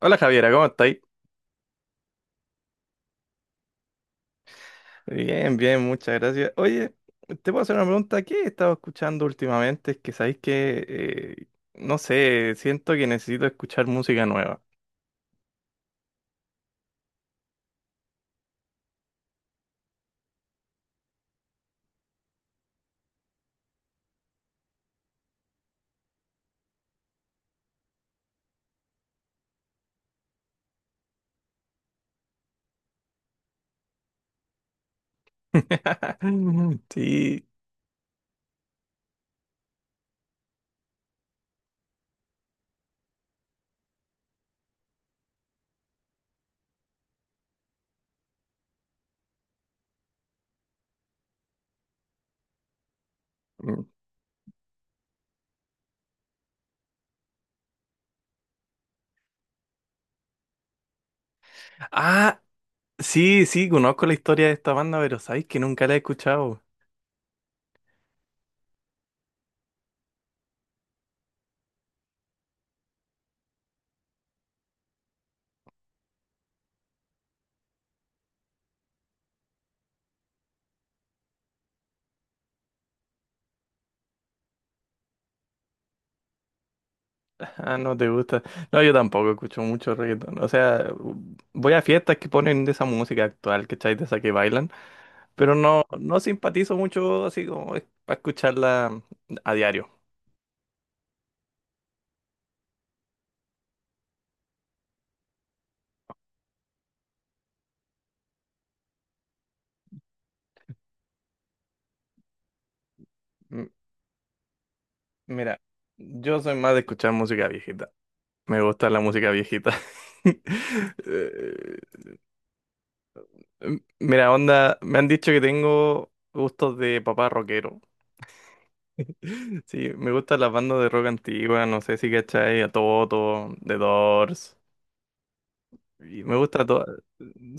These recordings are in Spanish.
Hola Javiera, ¿cómo estáis? Bien, bien, muchas gracias. Oye, te puedo hacer una pregunta. ¿Qué he estado escuchando últimamente? Es que sabéis que, eh, no sé, siento que necesito escuchar música nueva. Sí. Mm. Ah, sí, sí, conozco la historia de esta banda, pero sabéis que nunca la he escuchado. Ah, no te gusta. No, yo tampoco escucho mucho reggaetón. O sea, voy a fiestas que ponen de esa música actual, ¿cachai? De esa que bailan. Pero no, no simpatizo mucho así como para escucharla a diario. M- Mira, yo soy más de escuchar música viejita. Me gusta la música viejita. Eh, Mira, onda, me han dicho que tengo gustos de papá rockero. Sí, me gustan las bandas de rock antigua, no sé si cachai, a Toto, The Doors. Y me gusta toda,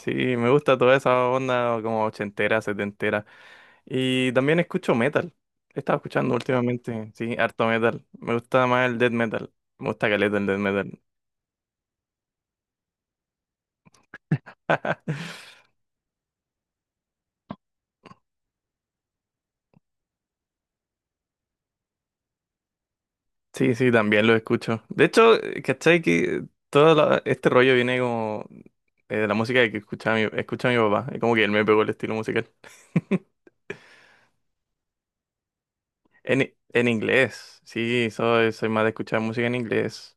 sí, me gusta toda esa onda como ochentera, setentera. Y también escucho metal. He estado escuchando últimamente, sí, harto metal. Me gusta más el death metal. Me gusta caleta el death metal. Sí, sí, también lo escucho. De hecho, ¿cachai? Que este rollo viene como de la música que escucha escucha mi papá. Es como que él me pegó el estilo musical. En inglés. Sí, soy más de escuchar música en inglés.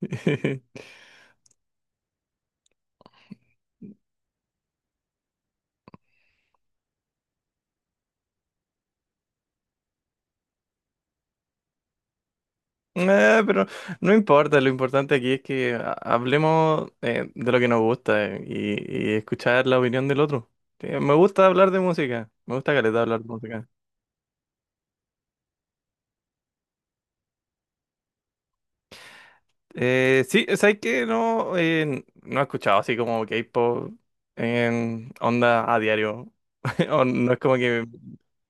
Pero no importa, lo importante aquí es que hablemos de lo que nos gusta, y escuchar la opinión del otro. Sí, me gusta hablar de música, me gusta caleta hablar de música. Sí, sabes que no, no he escuchado así como K-pop en onda a diario. O no es como que.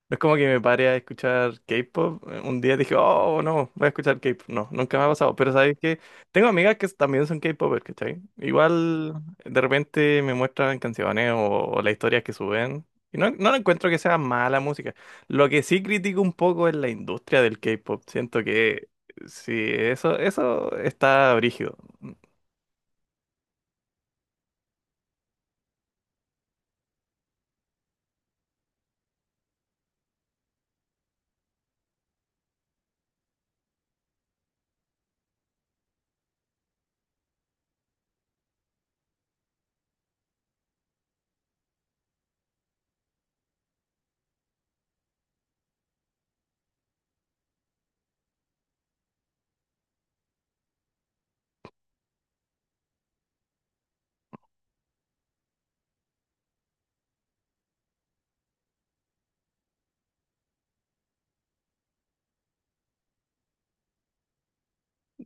No es como que me pare a escuchar K-pop. Un día dije, oh, no, voy a escuchar K-pop. No, nunca me ha pasado. Pero sabes que tengo amigas que también son K-popers, ¿cachai? Igual de repente me muestran canciones o las historias que suben. Y no, no encuentro que sea mala música. Lo que sí critico un poco es la industria del K-pop. Siento que sí, eso está brígido.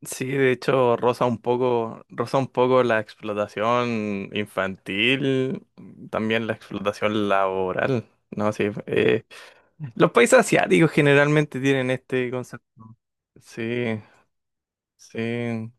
Sí, de hecho, roza un poco la explotación infantil, también la explotación laboral, ¿no? Sí, los países asiáticos generalmente tienen este concepto. Sí, sí,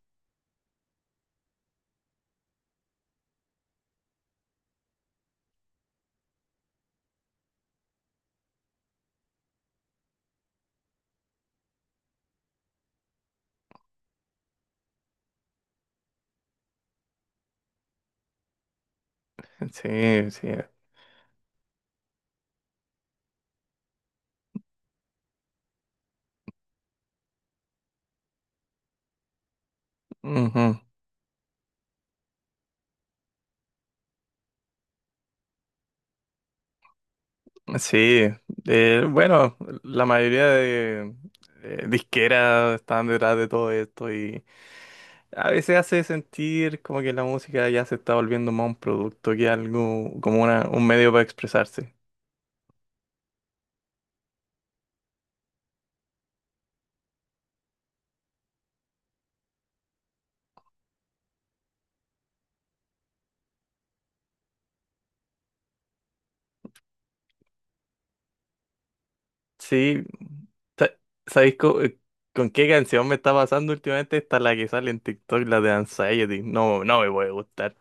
sí, sí. Ujú, sí, bueno, la mayoría de disqueras están detrás de todo esto. Y a veces hace sentir como que la música ya se está volviendo más un producto que algo, como una, un medio para expresarse. Sí, sa- ¿sabéis con qué canción me está pasando últimamente? Esta la que sale en TikTok, la de Anxiety. No, no me puede gustar.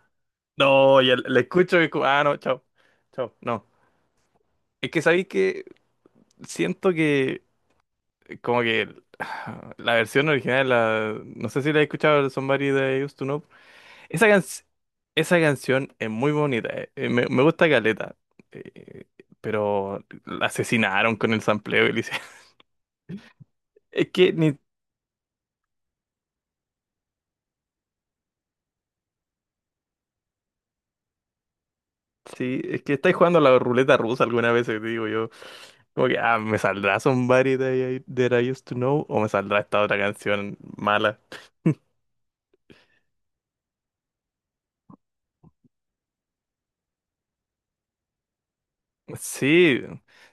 No, ya la escucho y es como, ah, no, chao, chao, no. Es que sabéis que siento que como que ah, la versión original, la, no sé si la he escuchado, Somebody That I Used to Know. Esa, esa canción es muy bonita, me, me gusta caleta, eh, pero la asesinaron con el sampleo, Elise. Es que ni... Sí, es que estáis jugando a la ruleta rusa alguna vez, te digo yo. Como que, ah, ¿me saldrá Somebody That I, That I Used to Know? ¿O me saldrá esta otra canción mala? Sí,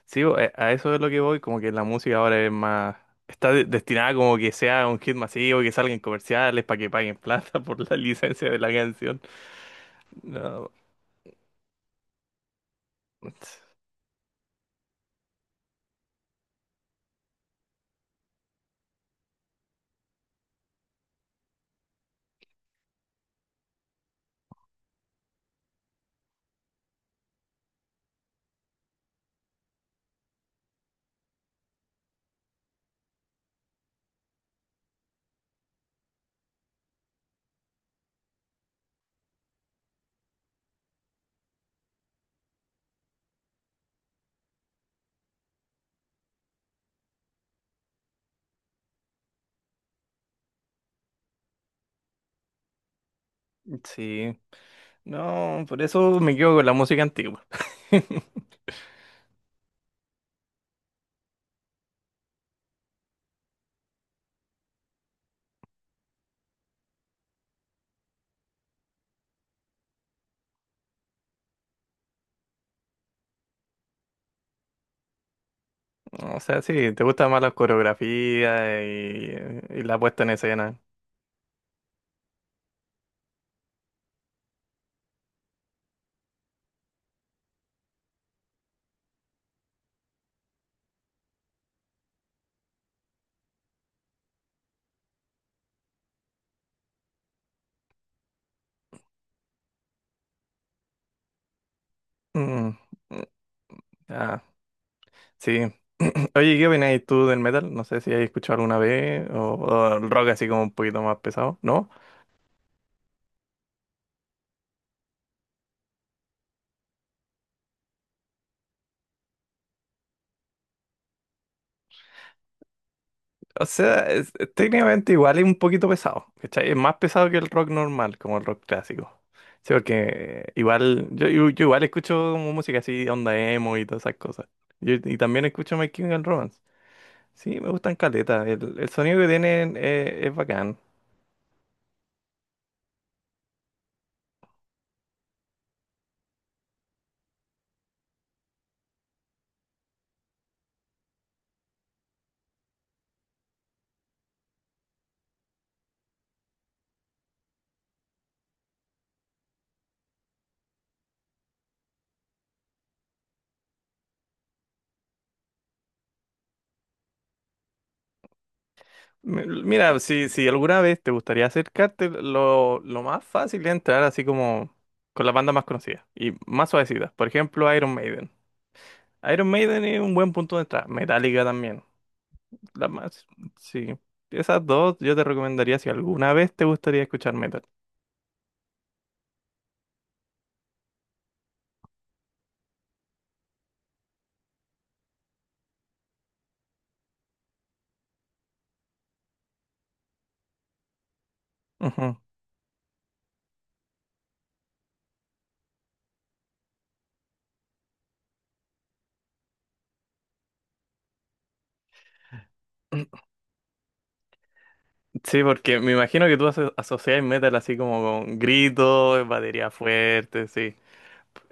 sí, a eso es lo que voy, como que la música ahora es más... Está destinada como que sea un hit masivo, que salga en comerciales para que paguen plata por la licencia de la canción. No. Sí. No, por eso me quedo con la música antigua. O sea, sí, te gusta más la coreografía y la puesta en escena. Mm, mm, ah, sí. Oye, ¿qué opinas tú del metal? No sé si has escuchado alguna vez o el rock así como un poquito más pesado, ¿no? O sea, es técnicamente igual es un poquito pesado, ¿cachai? Es más pesado que el rock normal, como el rock clásico. Sí, porque igual, yo igual escucho como música así, onda emo y todas esas cosas. Y también escucho My Chemical Romance. Sí, me gustan caletas, el sonido que tienen, es bacán. Mira, si, si alguna vez te gustaría acercarte, lo más fácil es entrar así como con las bandas más conocidas y más suavecitas. Por ejemplo, Iron Maiden. Iron Maiden es un buen punto de entrada. Metallica también. La más, sí. Esas dos yo te recomendaría si alguna vez te gustaría escuchar metal. Ujú. Sí, porque me imagino que tú asocias metal así como con gritos, batería fuerte, sí.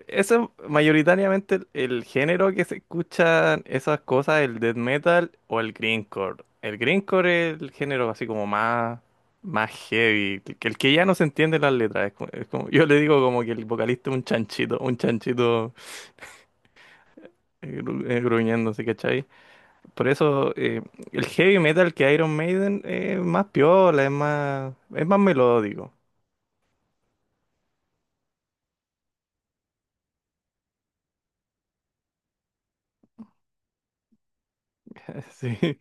Eso es mayoritariamente el género que se escuchan esas cosas, el death metal o el grindcore. El grindcore es el género así como más, más heavy, que el que ya no se entiende las letras. Es como, es como, yo le digo como que el vocalista es un chanchito gruñendo, ¿sí? Por eso, el heavy metal que Iron Maiden es más piola, es más melódico. Sí.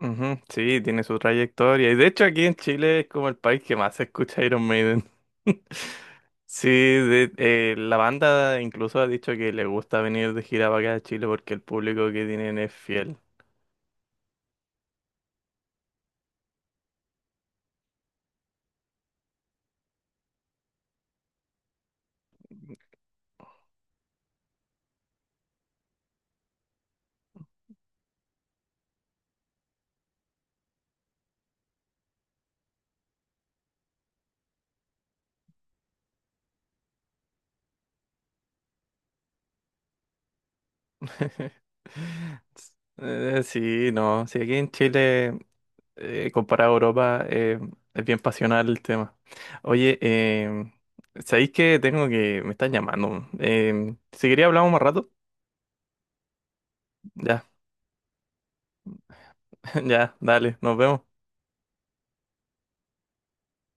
Ujú, sí, tiene su trayectoria. Y de hecho aquí en Chile es como el país que más se escucha Iron Maiden. Sí, la banda incluso ha dicho que le gusta venir de gira para acá a Chile porque el público que tienen es fiel. Sí, no, sí, aquí en Chile, comparado a Europa, es bien pasional el tema. Oye, ¿sabéis que tengo que... me están llamando? Si quería hablamos más rato, ya, ya, dale, nos vemos.